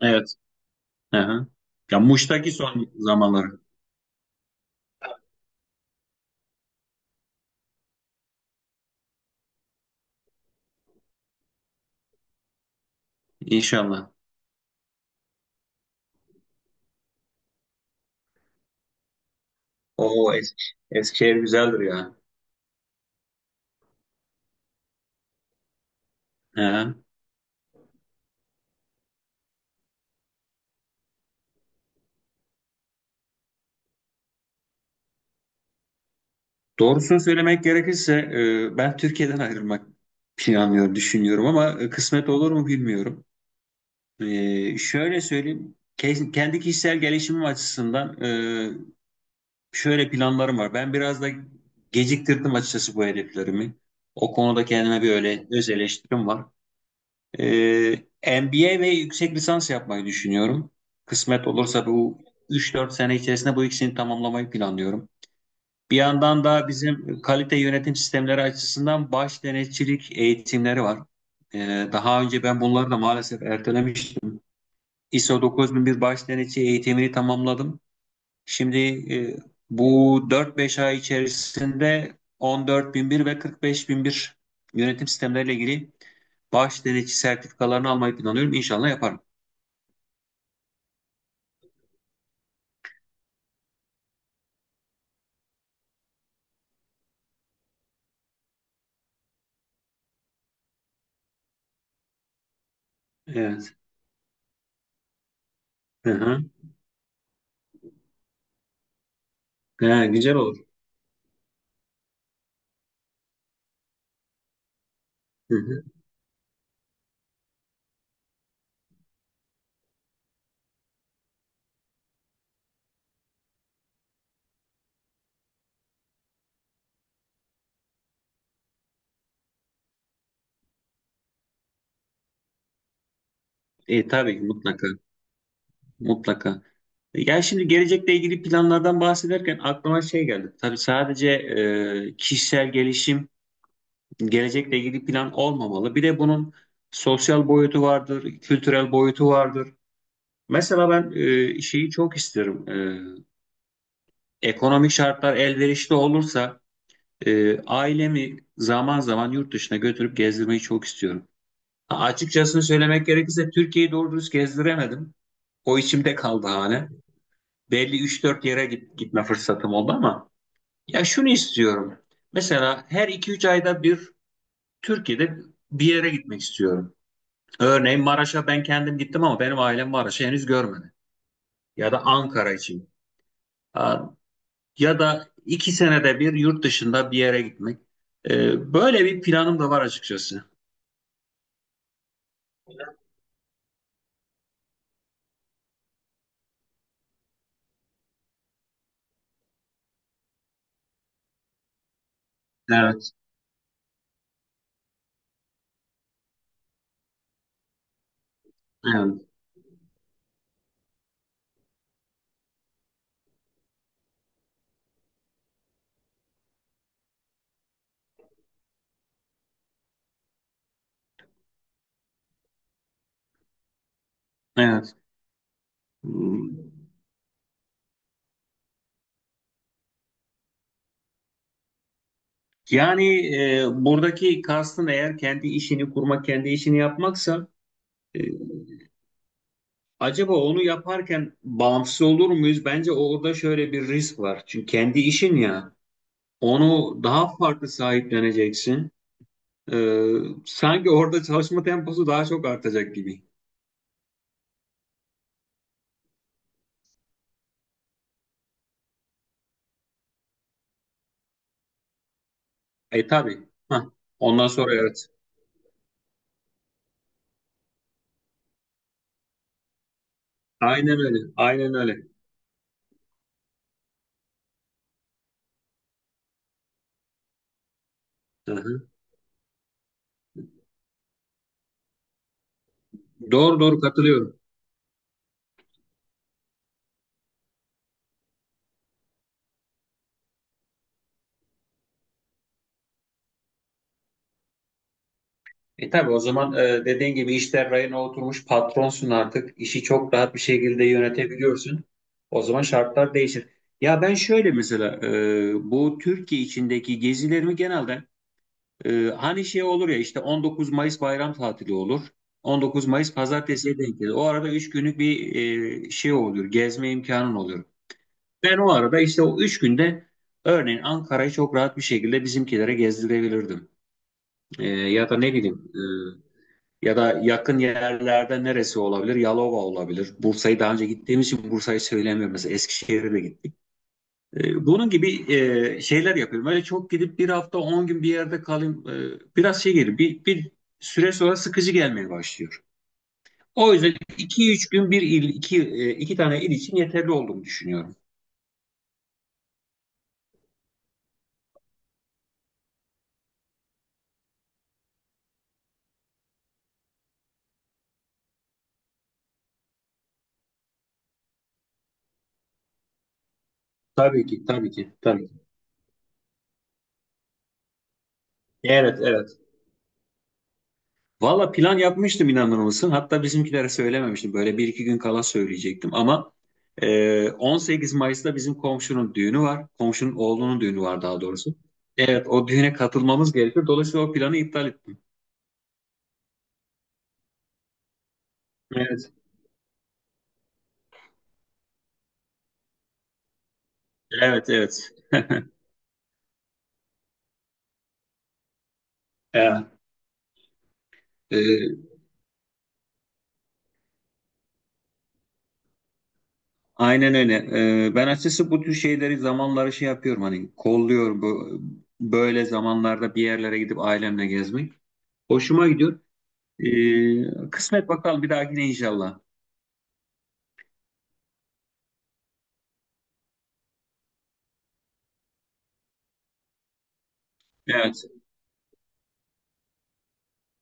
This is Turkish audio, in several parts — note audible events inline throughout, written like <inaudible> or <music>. Evet. Aha. Ya Muş'taki son zamanları. İnşallah. O eski, Eskişehir güzeldir ya. Aha. Doğrusunu söylemek gerekirse ben Türkiye'den ayrılmak planlıyorum, düşünüyorum ama kısmet olur mu bilmiyorum. Şöyle söyleyeyim. Kendi kişisel gelişimim açısından şöyle planlarım var. Ben biraz da geciktirdim açıkçası bu hedeflerimi. O konuda kendime bir öyle öz eleştirim var. Ee, MBA ve yüksek lisans yapmayı düşünüyorum. Kısmet olursa bu üç dört sene içerisinde bu ikisini tamamlamayı planlıyorum. Bir yandan da bizim kalite yönetim sistemleri açısından baş denetçilik eğitimleri var. Daha önce ben bunları da maalesef ertelemiştim. ISO 9001 baş denetçi eğitimini tamamladım. Şimdi e, bu dört beş ay içerisinde 14001 ve 45001 yönetim sistemleriyle ilgili baş denetçi sertifikalarını almayı planlıyorum. İnşallah yaparım. Evet. Hı hı. Ha, güzel olur. Hı hı. Tabii mutlaka. Mutlaka. Yani şimdi gelecekle ilgili planlardan bahsederken aklıma şey geldi. Tabii sadece kişisel gelişim gelecekle ilgili plan olmamalı. Bir de bunun sosyal boyutu vardır, kültürel boyutu vardır. Mesela ben şeyi çok isterim. Ekonomik şartlar elverişli olursa ailemi zaman zaman yurt dışına götürüp gezdirmeyi çok istiyorum. Açıkçasını söylemek gerekirse Türkiye'yi doğru dürüst gezdiremedim. O içimde kaldı hani. Belli üç dört yere gitme fırsatım oldu ama ya şunu istiyorum. Mesela her iki üç ayda bir Türkiye'de bir yere gitmek istiyorum. Örneğin Maraş'a ben kendim gittim ama benim ailem Maraş'ı henüz görmedi. Ya da Ankara için, ya da iki senede bir yurt dışında bir yere gitmek. Böyle bir planım da var açıkçası. Evet, evet, evet. Hmm. Yani buradaki kastın eğer kendi işini kurmak, kendi işini yapmaksa e, acaba onu yaparken bağımsız olur muyuz? Bence orada şöyle bir risk var. Çünkü kendi işin ya, onu daha farklı sahipleneceksin. Ee, Sanki orada çalışma temposu daha çok artacak gibi. Tabii. Hah. Ondan sonra evet. Aynen öyle. Aynen öyle. Hı hı. Doğru doğru katılıyorum. Tabii o zaman dediğin gibi işler rayına oturmuş patronsun artık. İşi çok rahat bir şekilde yönetebiliyorsun. O zaman şartlar değişir. Ya ben şöyle mesela bu Türkiye içindeki gezilerimi genelde, e, hani şey olur ya işte 19 Mayıs bayram tatili olur. 19 Mayıs pazartesiye denk gelir. O arada 3 günlük bir şey olur. Gezme imkanın olur. Ben o arada işte o üç günde örneğin Ankara'yı çok rahat bir şekilde bizimkilere gezdirebilirdim. Ya da ne bileyim, ya da yakın yerlerde neresi olabilir? Yalova olabilir. Bursa'yı daha önce gittiğimiz için Bursa'yı söylemiyorum. Mesela Eskişehir'e de gittik. Bunun gibi şeyler yapıyorum. Öyle çok gidip bir hafta 10 gün bir yerde kalayım, biraz şey gelir. Bir süre sonra sıkıcı gelmeye başlıyor. O yüzden iki üç gün bir il, iki tane il için yeterli olduğunu düşünüyorum. Tabii ki, tabii ki, tabii ki. Evet, evet. Valla plan yapmıştım, inanır mısın? Hatta bizimkilere söylememiştim. Böyle bir iki gün kala söyleyecektim ama 18 Mayıs'ta bizim komşunun düğünü var. Komşunun oğlunun düğünü var daha doğrusu. Evet, o düğüne katılmamız gerekiyor. Dolayısıyla o planı iptal ettim. Evet. Evet, evet. Evet. E, aynen öyle. Ben açıkçası bu tür şeyleri, zamanları şey yapıyorum, hani kolluyorum bu, böyle zamanlarda bir yerlere gidip ailemle gezmek. Hoşuma gidiyor. Kısmet bakalım bir dahakine inşallah. Evet.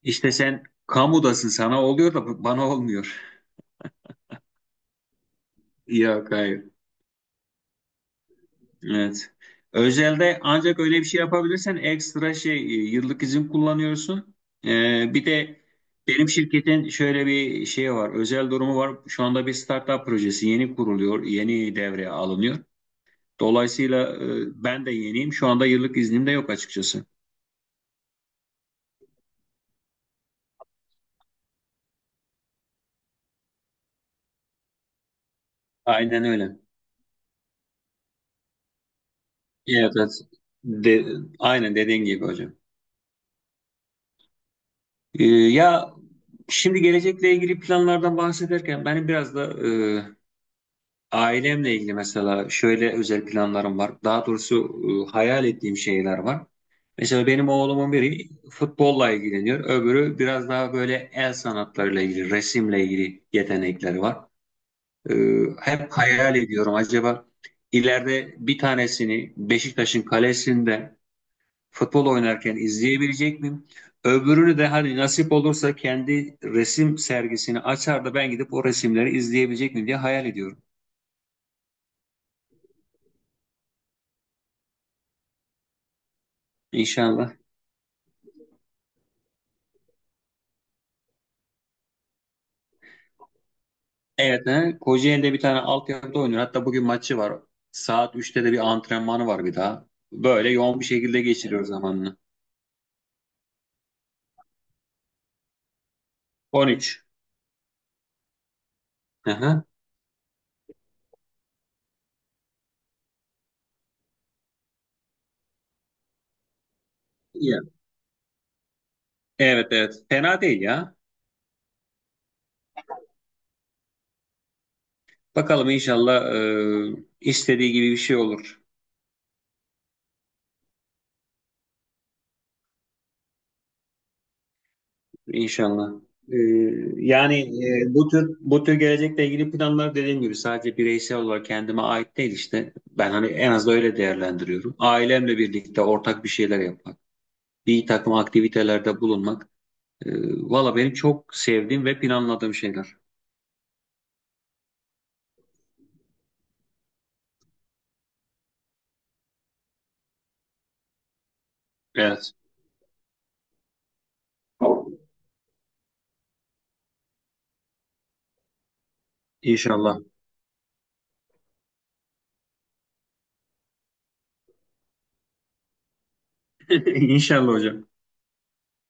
İşte sen kamudasın, sana oluyor da bana olmuyor. Yok, hayır. Evet. Özelde ancak öyle bir şey yapabilirsen ekstra şey, yıllık izin kullanıyorsun. Bir de benim şirketin şöyle bir şey var. Özel durumu var. Şu anda bir startup projesi yeni kuruluyor. Yeni devreye alınıyor. Dolayısıyla ben de yeniyim. Şu anda yıllık iznim de yok açıkçası. Aynen öyle. Evet, evet. De, aynen dediğin gibi hocam. Ya şimdi gelecekle ilgili planlardan bahsederken benim biraz da e, ailemle ilgili mesela şöyle özel planlarım var. Daha doğrusu hayal ettiğim şeyler var. Mesela benim oğlumun biri futbolla ilgileniyor. Öbürü biraz daha böyle el sanatlarıyla ilgili, resimle ilgili yetenekleri var. Hep hayal ediyorum, acaba ileride bir tanesini Beşiktaş'ın kalesinde futbol oynarken izleyebilecek miyim? Öbürünü de hani nasip olursa kendi resim sergisini açar da ben gidip o resimleri izleyebilecek miyim diye hayal ediyorum. İnşallah. Evet, he, Kocaeli'de bir tane altyapıda oynuyor. Hatta bugün maçı var. Saat üçte de bir antrenmanı var bir daha. Böyle yoğun bir şekilde geçiriyor zamanını. 13. Aha. Ya. Evet, evet. Fena değil ya. Bakalım inşallah istediği gibi bir şey olur. İnşallah. Ee, Yani bu tür gelecekle ilgili planlar, dediğim gibi sadece bireysel olarak kendime ait değil işte. Ben hani en az da öyle değerlendiriyorum. Ailemle birlikte ortak bir şeyler yapmak, bir takım aktivitelerde bulunmak. E, Valla benim çok sevdiğim ve planladığım şeyler. Evet. İnşallah. <laughs> İnşallah hocam.